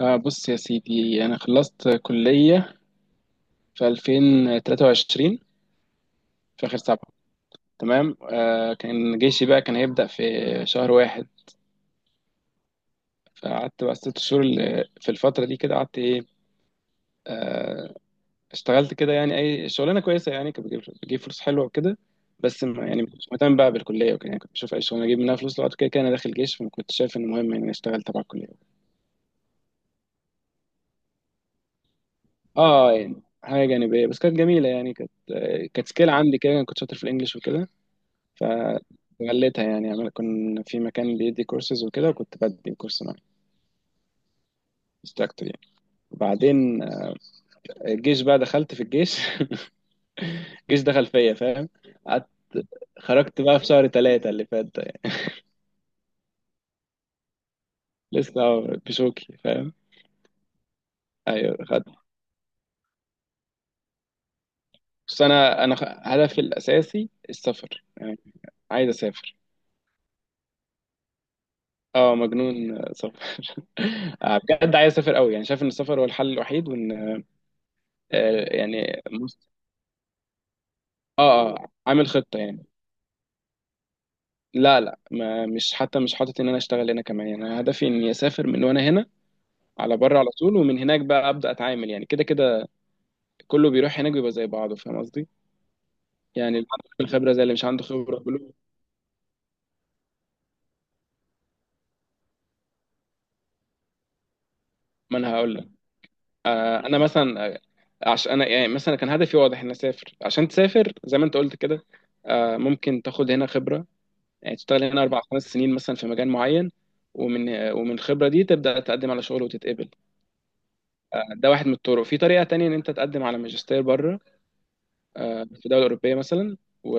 آه، بص يا سيدي، أنا خلصت كلية في 2023، في آخر 7. تمام، كان جيشي بقى كان هيبدأ في شهر واحد. فقعدت بقى 6 شهور في الفترة دي كده. قعدت إيه؟ آه اشتغلت كده، يعني أي شغلانة كويسة، يعني كانت بتجيب فلوس حلوة وكده. بس ما كنتش مهتم بقى بالكلية وكده، يعني كنت بشوف أي شغلانة أجيب منها فلوس، لو كده كده أنا داخل جيش، فما كنتش شايف إن مهم إن أنا أشتغل تبع الكلية. اه يعني حاجة جانبية، بس كانت جميلة، يعني كانت سكيل عندي كده، أنا كنت شاطر في الإنجليش وكده. فغليتها يعني، عمال كنا في مكان بيدي كورسز وكده، وكنت بدي الكورس معاه، انستراكتور يعني. وبعدين الجيش بقى، دخلت في الجيش. الجيش دخل فيا، فاهم؟ قعدت، خرجت بقى في شهر 3 اللي فات ده يعني. لسه بشوكي، فاهم؟ ايوه خدت، بس انا هدفي الاساسي السفر يعني. عايز اسافر. اه، مجنون سفر. بجد عايز اسافر قوي، يعني شايف ان السفر هو الحل الوحيد، وان يعني مصر. اه اه، عامل خطة يعني. لا لا، ما مش، حتى مش حاطط ان انا اشتغل هنا كمان، يعني انا هدفي اني اسافر من وانا هنا، على بره على طول، ومن هناك بقى ابدا اتعامل يعني. كده كده كله بيروح هناك بيبقى زي بعضه، فاهم قصدي؟ يعني اللي عنده الخبره زي اللي مش عنده خبره، كله. ما انا هقول لك. انا مثلا، عشان انا يعني مثلا كان هدفي واضح ان اسافر. عشان تسافر زي ما انت قلت كده، ممكن تاخد هنا خبره، يعني تشتغل هنا 4 5 سنين مثلا في مجال معين، ومن الخبره دي تبدا تقدم على شغل وتتقبل. ده واحد من الطرق. في طريقه تانية، ان انت تقدم على ماجستير بره، في دولة أوروبية مثلا، و...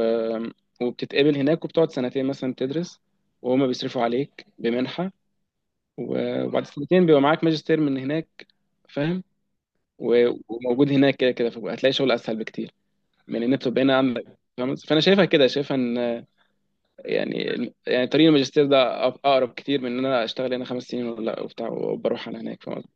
وبتتقبل هناك، وبتقعد سنتين مثلا تدرس، وهما بيصرفوا عليك بمنحة. وبعد سنتين بيبقى معاك ماجستير من هناك، فاهم؟ وموجود هناك كده كده، فهتلاقي شغل أسهل بكتير من إن بتبقى هنا عندك، فاهم؟ فأنا شايفها كده، شايفها إن يعني يعني طريق الماجستير ده أقرب كتير من إن أنا أشتغل هنا 5 سنين، ولا وبتاع وبروح على هناك، فاهم قصدي؟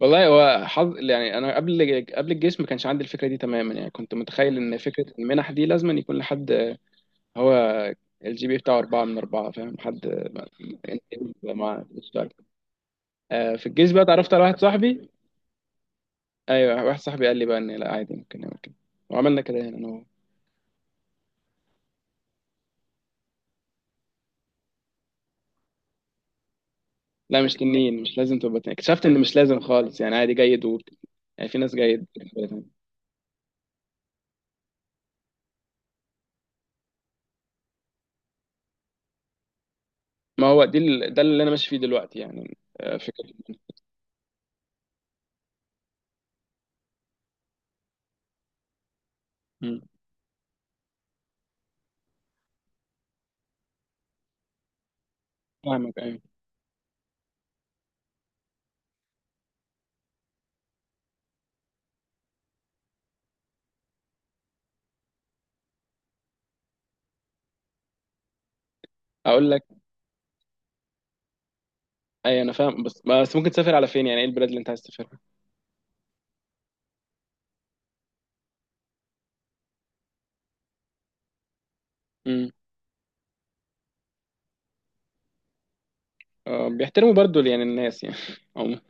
والله هو حظ يعني. أنا قبل الجيش ما كانش عندي الفكرة دي تماما، يعني كنت متخيل إن فكرة المنح دي لازم أن يكون لحد هو الجي بي بتاعه 4 من 4، فاهم، حد. ما مش فارق. في الجيش بقى اتعرفت على واحد صاحبي، أيوه واحد صاحبي قال لي بقى إن لا عادي، ممكن نعمل كده، وعملنا كده هنا أنا وهو. لا، مش تنين، مش لازم تبقى تنين، اكتشفت إن مش لازم خالص، يعني عادي جيد يعني في ناس جيد. ما هو دي ده اللي أنا ماشي فيه دلوقتي، يعني فكرة. مم. فاهمك، أيوه. أقول لك، أيوه أنا فاهم، بس ممكن تسافر على فين؟ يعني إيه البلاد اللي أنت عايز تسافرها؟ مم. بيحترموا برضو يعني، الناس يعني عموما.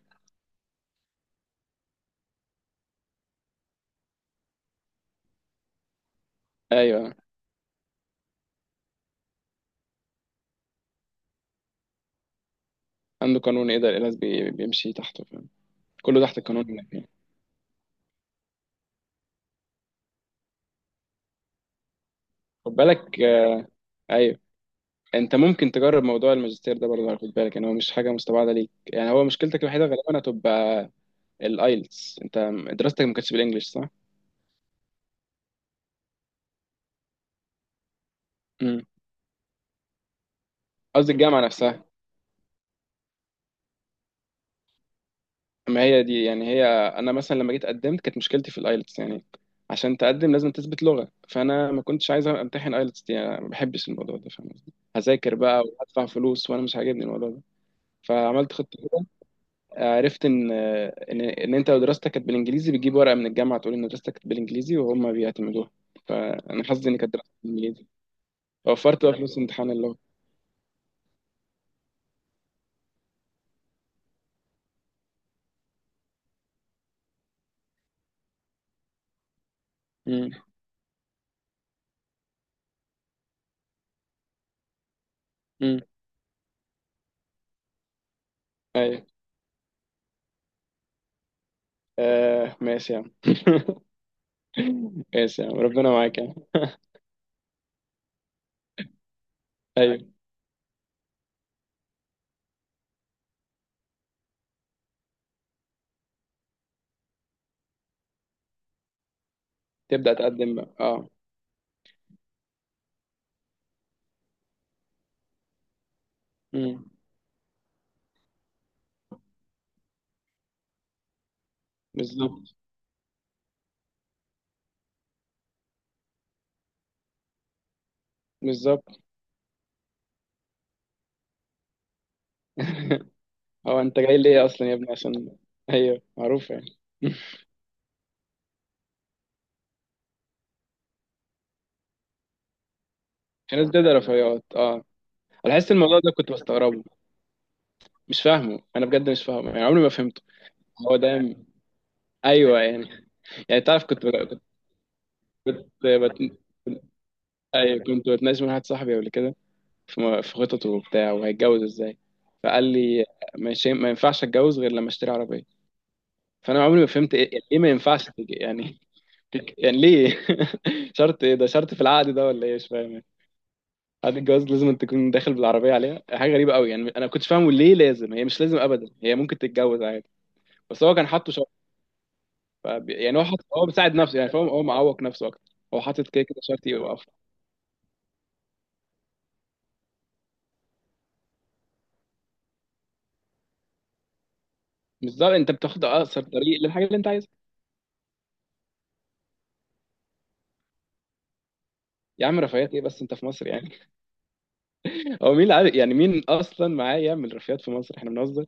ايوه، عنده قانون، ايه ده؟ القلاص بيمشي تحته، فاهم، كله تحت القانون. مم. هناك يعني. خد بالك، ايوه، انت ممكن تجرب موضوع الماجستير ده برضه، خد بالك، يعني هو مش حاجه مستبعده ليك، يعني هو مشكلتك الوحيده غالبا هتبقى الايلتس. انت دراستك ما كانتش بالانجلش، صح؟ امم، قصدي الجامعه نفسها. اما هي دي يعني، هي انا مثلا لما جيت قدمت كانت مشكلتي في الايلتس يعني، عشان تقدم لازم تثبت لغه. فانا ما كنتش عايز امتحن ايلتس دي، انا ما بحبش الموضوع ده، فاهم قصدي؟ هذاكر بقى وهدفع فلوس وانا مش عاجبني الموضوع ده. فعملت خطه، عرفت ان انت لو دراستك كانت بالانجليزي بتجيب ورقه من الجامعه تقول ان دراستك كانت بالانجليزي، وهم بيعتمدوها. فانا حظي ان كانت دراستي بالانجليزي، وفرت بقى فلوس امتحان اللغه. امم امم، ايوه، آه ماشي يا عم. ماشي يا عم، ربنا معاك يا عم. ايوه تبدا تقدم بقى، اه. امم، بالظبط. بالظبط. هو انت جاي ليه اصلا يا ابني؟ عشان ايوه، معروف يعني. في ناس بتبدا رفيعات، اه. انا حاسس الموضوع ده كنت بستغربه، مش فاهمه، انا بجد مش فاهمه يعني، عمري ما فهمته. هو ده، ايوه يعني. يعني تعرف، كنت بت... أيوة كنت بتناقش مع واحد صاحبي قبل كده، في في خططه وبتاع، وهيتجوز ازاي. فقال لي مش، ما ينفعش اتجوز غير لما اشتري عربيه. فانا عمري ما فهمت ايه، ليه ما ينفعش يعني، يعني ليه؟ شرط ايه ده؟ شرط في العقد ده ولا ايه، مش فاهم يعني. عقد الجواز لازم أن تكون داخل بالعربيه عليها، حاجه غريبه قوي يعني. انا ما كنتش فاهمه ليه لازم، هي مش لازم ابدا، هي ممكن تتجوز عادي. بس هو كان حاطه شرط. يعني هو حط، هو بيساعد نفسه يعني، فاهم، هو معوق نفسه اكتر، هو حاطط كده كده شرط. بالظبط، انت بتاخد اقصر طريق للحاجه اللي انت عايزها. يا عم رفاهيات ايه بس؟ انت في مصر يعني. هو مين اللي عارف يعني؟ مين اصلا معاه يعمل رفاهيات في مصر؟ احنا بنهزر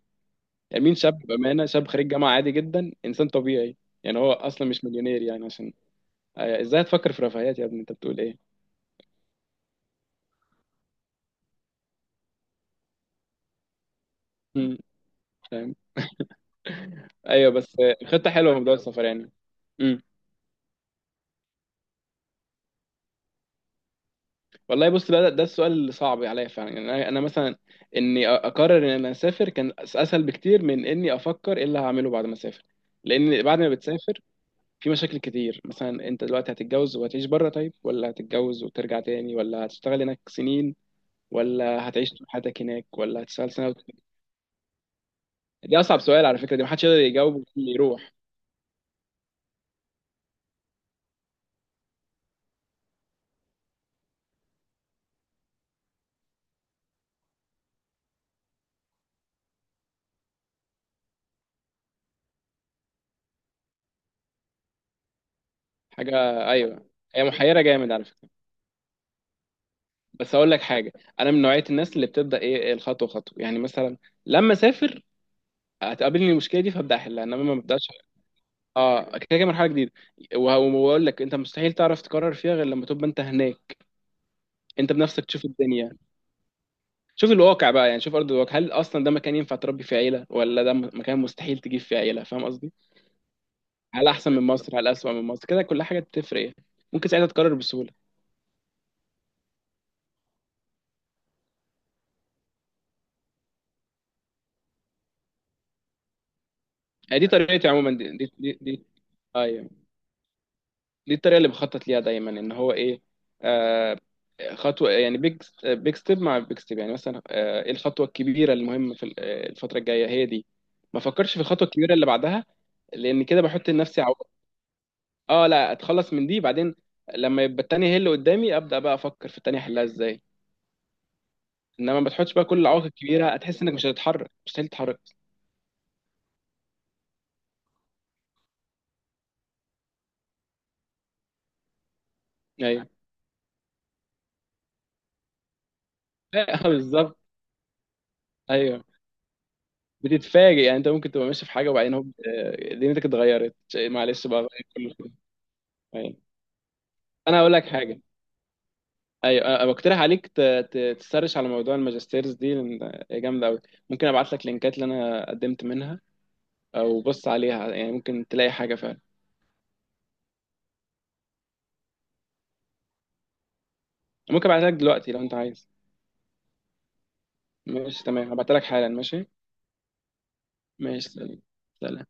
يعني. مين شاب، بامانه، شاب خريج جامعه عادي جدا، انسان طبيعي، يعني هو اصلا مش مليونير يعني، عشان ازاي هتفكر في رفاهيات يا ابني؟ انت بتقول ايه؟ مم، فاهم. ايوه بس خطه حلوه موضوع السفر يعني. امم. والله بص بقى، ده السؤال اللي صعب عليا فعلا يعني. انا مثلا اني اقرر ان انا اسافر كان اسهل بكتير من اني افكر ايه اللي هعمله بعد ما اسافر. لان بعد ما بتسافر في مشاكل كتير، مثلا انت دلوقتي هتتجوز وهتعيش بره، طيب ولا هتتجوز وترجع تاني، ولا هتشتغل هناك سنين، ولا هتعيش طول حياتك هناك، ولا هتشتغل سنة دي أصعب سؤال على فكرة، دي محدش يقدر يجاوب اللي يروح. حاجة، أيوه، هي محيرة جامد على فكرة. بس أقول لك حاجة، أنا من نوعية الناس اللي بتبدأ إيه، الخطوة خطوة يعني. مثلا لما أسافر هتقابلني المشكلة دي فأبدأ أحلها، إنما ما ببدأش. أه، كده كده مرحلة جديدة. وأقول لك، أنت مستحيل تعرف تقرر فيها غير لما تبقى أنت هناك، أنت بنفسك تشوف الدنيا، شوف الواقع بقى يعني، شوف ارض الواقع، هل اصلا ده مكان ينفع تربي فيه عيله، ولا ده مكان مستحيل تجيب فيه عيله، فاهم قصدي؟ هل احسن من مصر، هل اسوأ من مصر، كده كل حاجه بتفرق يعني، ممكن ساعتها تقرر بسهوله. يعني دي طريقتي عموما، دي. ايوه، دي الطريقه اللي بخطط ليها دايما، ان هو ايه، آه خطوه يعني، بيج بيج ستيب مع بيج ستيب يعني. مثلا آه، ايه الخطوه الكبيره المهمه في الفتره الجايه؟ هي دي. ما فكرش في الخطوه الكبيره اللي بعدها، لان كده بحط لنفسي عوائق. اه لا، اتخلص من دي بعدين، لما يبقى التانية هي اللي قدامي ابدا بقى افكر في التانية احلها ازاي. انما ما تحطش بقى كل العوائق الكبيره، هتحس انك مش هتتحرك، مستحيل تتحرك. ايوه. بالظبط. ايوه بتتفاجئ يعني، انت ممكن تبقى ماشي في حاجه وبعدين هوب دنيتك اتغيرت، معلش بقى، غير كل شيء. ايوه، انا هقول لك حاجه. ايوه، أنا بقترح عليك تسرش على موضوع الماجستيرز دي، لان هي جامده قوي. ممكن ابعت لك لينكات اللي انا قدمت منها، او بص عليها، يعني ممكن تلاقي حاجه فعلا. ممكن ابعتها لك دلوقتي لو انت عايز. ماشي تمام، هبعتلك حالا، ماشي. ماشي، سلام. سلام.